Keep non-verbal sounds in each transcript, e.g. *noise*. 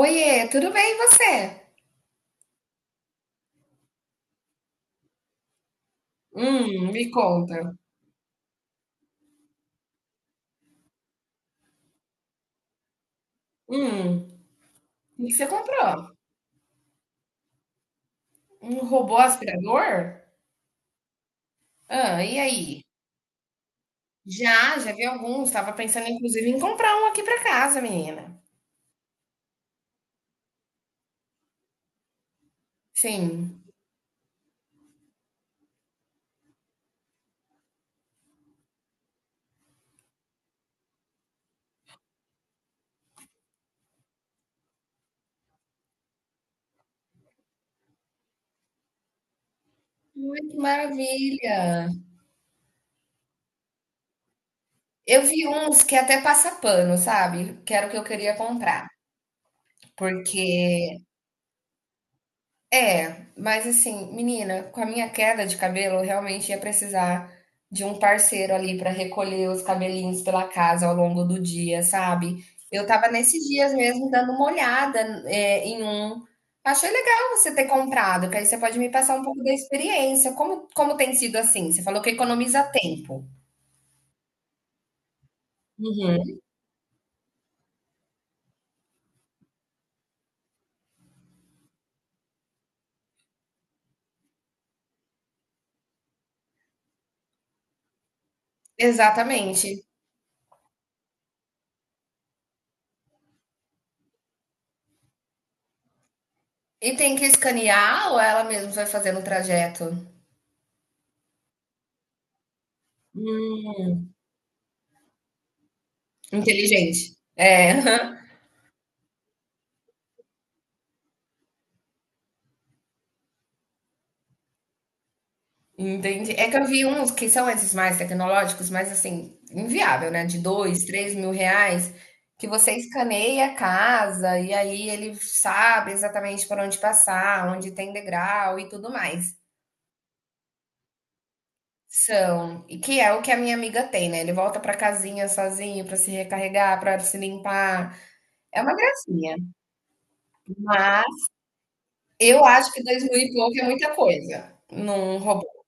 Oiê, tudo bem e você? Me conta. Hum, o que você comprou? Um robô aspirador? Ah, e aí? Já vi alguns. Estava pensando, inclusive, em comprar um aqui para casa, menina. Sim. Ai, que maravilha! Eu vi uns que até passa pano, sabe? Que era o que eu queria comprar. Porque É, mas assim, menina, com a minha queda de cabelo, eu realmente ia precisar de um parceiro ali para recolher os cabelinhos pela casa ao longo do dia, sabe? Eu tava nesses dias mesmo dando uma olhada, é, em um. Achei legal você ter comprado, que aí você pode me passar um pouco da experiência. Como tem sido assim? Você falou que economiza tempo. Exatamente. E tem que escanear ou ela mesma vai fazendo o trajeto? Hum, inteligente. É. *laughs* Entendi. É que eu vi uns que são esses mais tecnológicos, mas assim, inviável, né? De dois, três mil reais, que você escaneia a casa e aí ele sabe exatamente por onde passar, onde tem degrau e tudo mais. São, e que é o que a minha amiga tem, né? Ele volta pra casinha sozinho pra se recarregar, pra se limpar. É uma gracinha. Mas eu acho que dois mil e pouco é muita coisa num robô.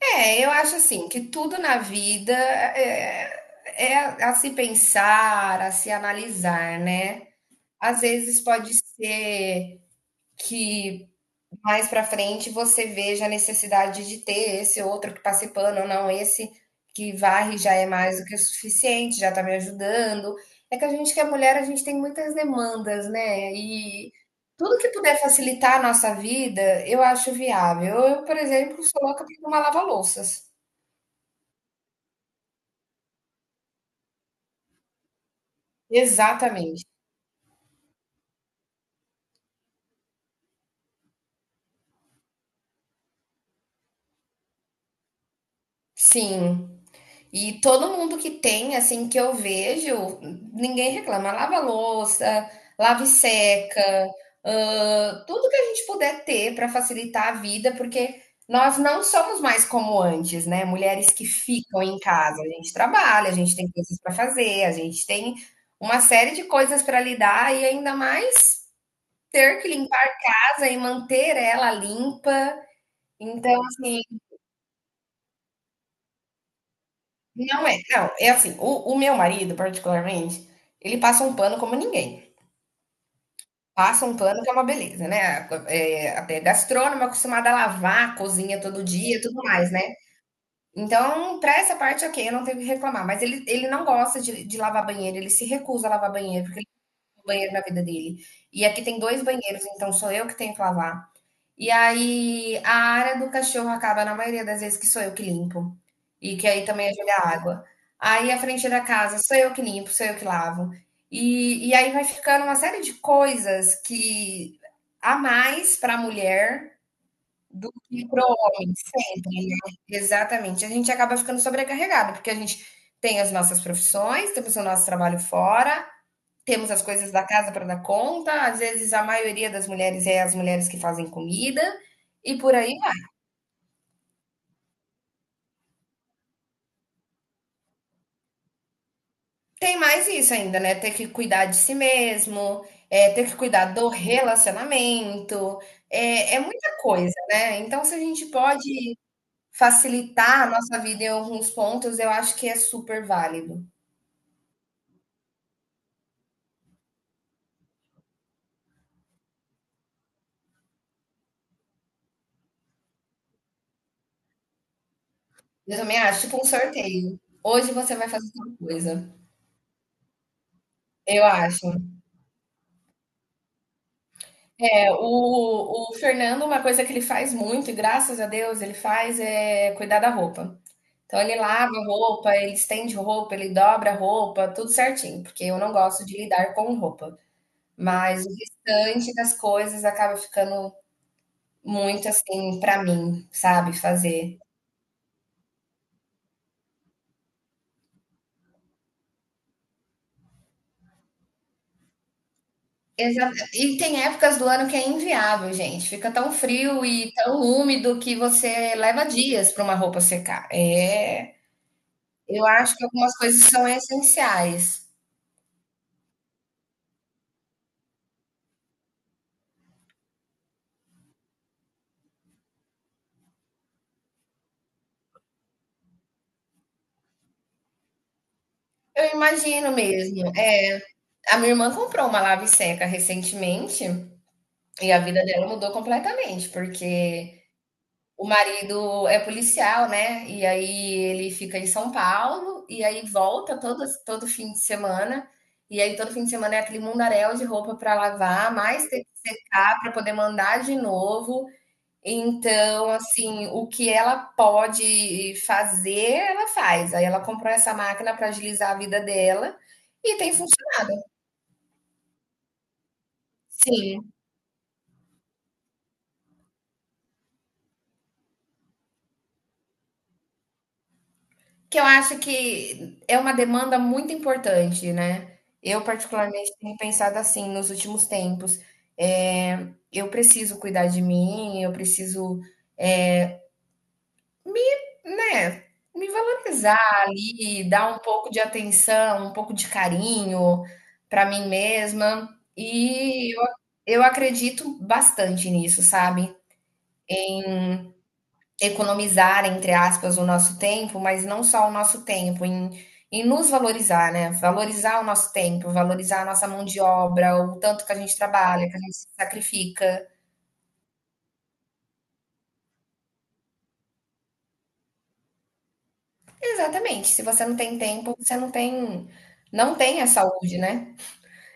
É, eu acho assim que tudo na vida é, é a se pensar, a se analisar, né? Às vezes pode ser que mais para frente você veja a necessidade de ter esse outro que passe pano, ou não, esse que varre já é mais do que o suficiente, já tá me ajudando. É que a gente que é mulher, a gente tem muitas demandas, né? E tudo que puder facilitar a nossa vida, eu acho viável. Eu, por exemplo, sou louca por uma lava-louças. Exatamente. Sim. E todo mundo que tem, assim, que eu vejo, ninguém reclama. Lava a louça, lava e seca, hã, tudo que a gente puder ter para facilitar a vida, porque nós não somos mais como antes, né, mulheres que ficam em casa. A gente trabalha, a gente tem coisas para fazer, a gente tem uma série de coisas para lidar e ainda mais ter que limpar a casa e manter ela limpa. Então, assim, não é, não, é assim, o meu marido particularmente, ele passa um pano como ninguém. Passa um pano que é uma beleza, né, até gastrônomo, acostumado a lavar cozinha todo dia e tudo mais, né. Então, pra essa parte, ok, eu não tenho o que reclamar, mas ele não gosta de lavar banheiro, ele se recusa a lavar banheiro, porque ele não tem banheiro na vida dele. E aqui tem 2 banheiros, então sou eu que tenho que lavar. E aí a área do cachorro acaba na maioria das vezes que sou eu que limpo, e que aí também é jogar água. Aí a frente da casa sou eu que limpo, sou eu que lavo. E aí vai ficando uma série de coisas que há mais para a mulher do que para o homem, sempre, né. Exatamente, a gente acaba ficando sobrecarregado, porque a gente tem as nossas profissões, temos o nosso trabalho fora, temos as coisas da casa para dar conta, às vezes a maioria das mulheres é as mulheres que fazem comida e por aí vai. Tem mais isso ainda, né? Ter que cuidar de si mesmo, é, ter que cuidar do relacionamento, é, é muita coisa, né? Então, se a gente pode facilitar a nossa vida em alguns pontos, eu acho que é super válido. Eu também acho, tipo um sorteio. Hoje você vai fazer tal coisa. Eu acho. É, o Fernando, uma coisa que ele faz muito, e graças a Deus ele faz, é cuidar da roupa. Então ele lava a roupa, ele estende roupa, ele dobra a roupa, tudo certinho, porque eu não gosto de lidar com roupa. Mas o restante das coisas acaba ficando muito assim para mim, sabe, fazer. E tem épocas do ano que é inviável, gente. Fica tão frio e tão úmido que você leva dias para uma roupa secar. É, eu acho que algumas coisas são essenciais. Eu imagino mesmo. É, a minha irmã comprou uma lave seca recentemente e a vida dela mudou completamente, porque o marido é policial, né? E aí ele fica em São Paulo e aí volta todo fim de semana. E aí todo fim de semana é aquele mundaréu de roupa para lavar, mais ter que secar para poder mandar de novo. Então, assim, o que ela pode fazer, ela faz. Aí ela comprou essa máquina para agilizar a vida dela e tem. Sim, que eu acho que é uma demanda muito importante, né. Eu particularmente tenho pensado assim nos últimos tempos, eu preciso cuidar de mim, eu preciso me, né, me valorizar ali, dar um pouco de atenção, um pouco de carinho para mim mesma, e eu acredito bastante nisso, sabe. Economizar, entre aspas, o nosso tempo, mas não só o nosso tempo, em nos valorizar, né? Valorizar o nosso tempo, valorizar a nossa mão de obra, o tanto que a gente trabalha, que a gente se sacrifica. Exatamente. Se você não tem tempo, você não tem, não tem a saúde, né?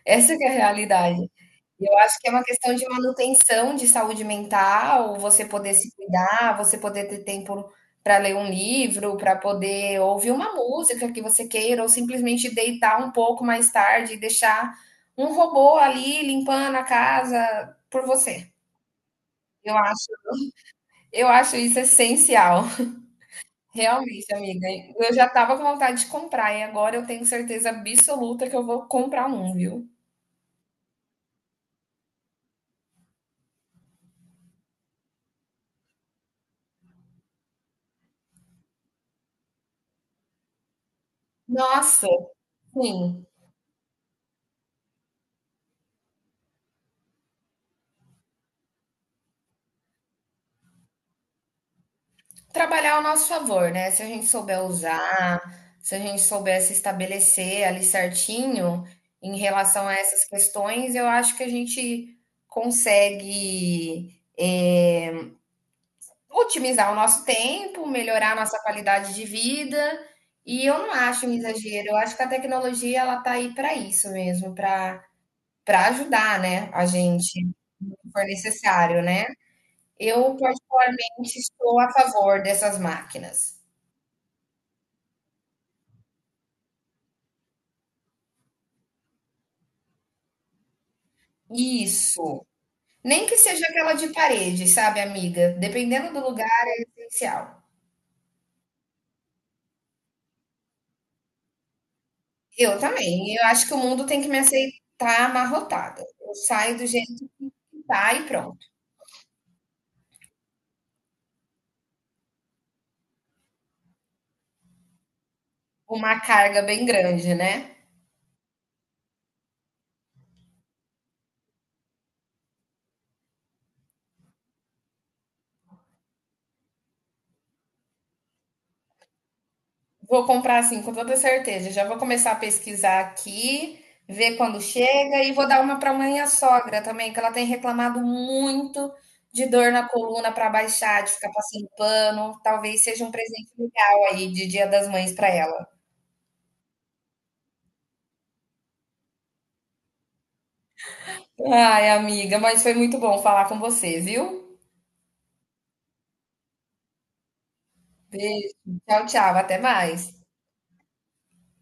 Essa que é a realidade. Eu acho que é uma questão de manutenção de saúde mental, você poder se cuidar, você poder ter tempo para ler um livro, para poder ouvir uma música que você queira, ou simplesmente deitar um pouco mais tarde e deixar um robô ali limpando a casa por você. Eu acho, eu acho isso essencial. Realmente, amiga. Eu já estava com vontade de comprar e agora eu tenho certeza absoluta que eu vou comprar um, viu? Nossa, sim. Trabalhar ao nosso favor, né, se a gente souber usar, se a gente souber se estabelecer ali certinho em relação a essas questões, eu acho que a gente consegue, eh, otimizar o nosso tempo, melhorar a nossa qualidade de vida, e eu não acho um exagero, eu acho que a tecnologia ela tá aí para isso mesmo, para ajudar, né, a gente, se for necessário, né. Eu particularmente estou a favor dessas máquinas. Isso. Nem que seja aquela de parede, sabe, amiga? Dependendo do lugar, é essencial. Eu também. Eu acho que o mundo tem que me aceitar amarrotada. Eu saio do jeito que tá e pronto. Uma carga bem grande, né? Vou comprar assim, com toda certeza. Já vou começar a pesquisar aqui, ver quando chega e vou dar uma para minha sogra também, que ela tem reclamado muito de dor na coluna para baixar, de ficar passando pano. Talvez seja um presente legal aí de Dia das Mães para ela. Ai, amiga, mas foi muito bom falar com você, viu? Beijo. Tchau, tchau. Até mais.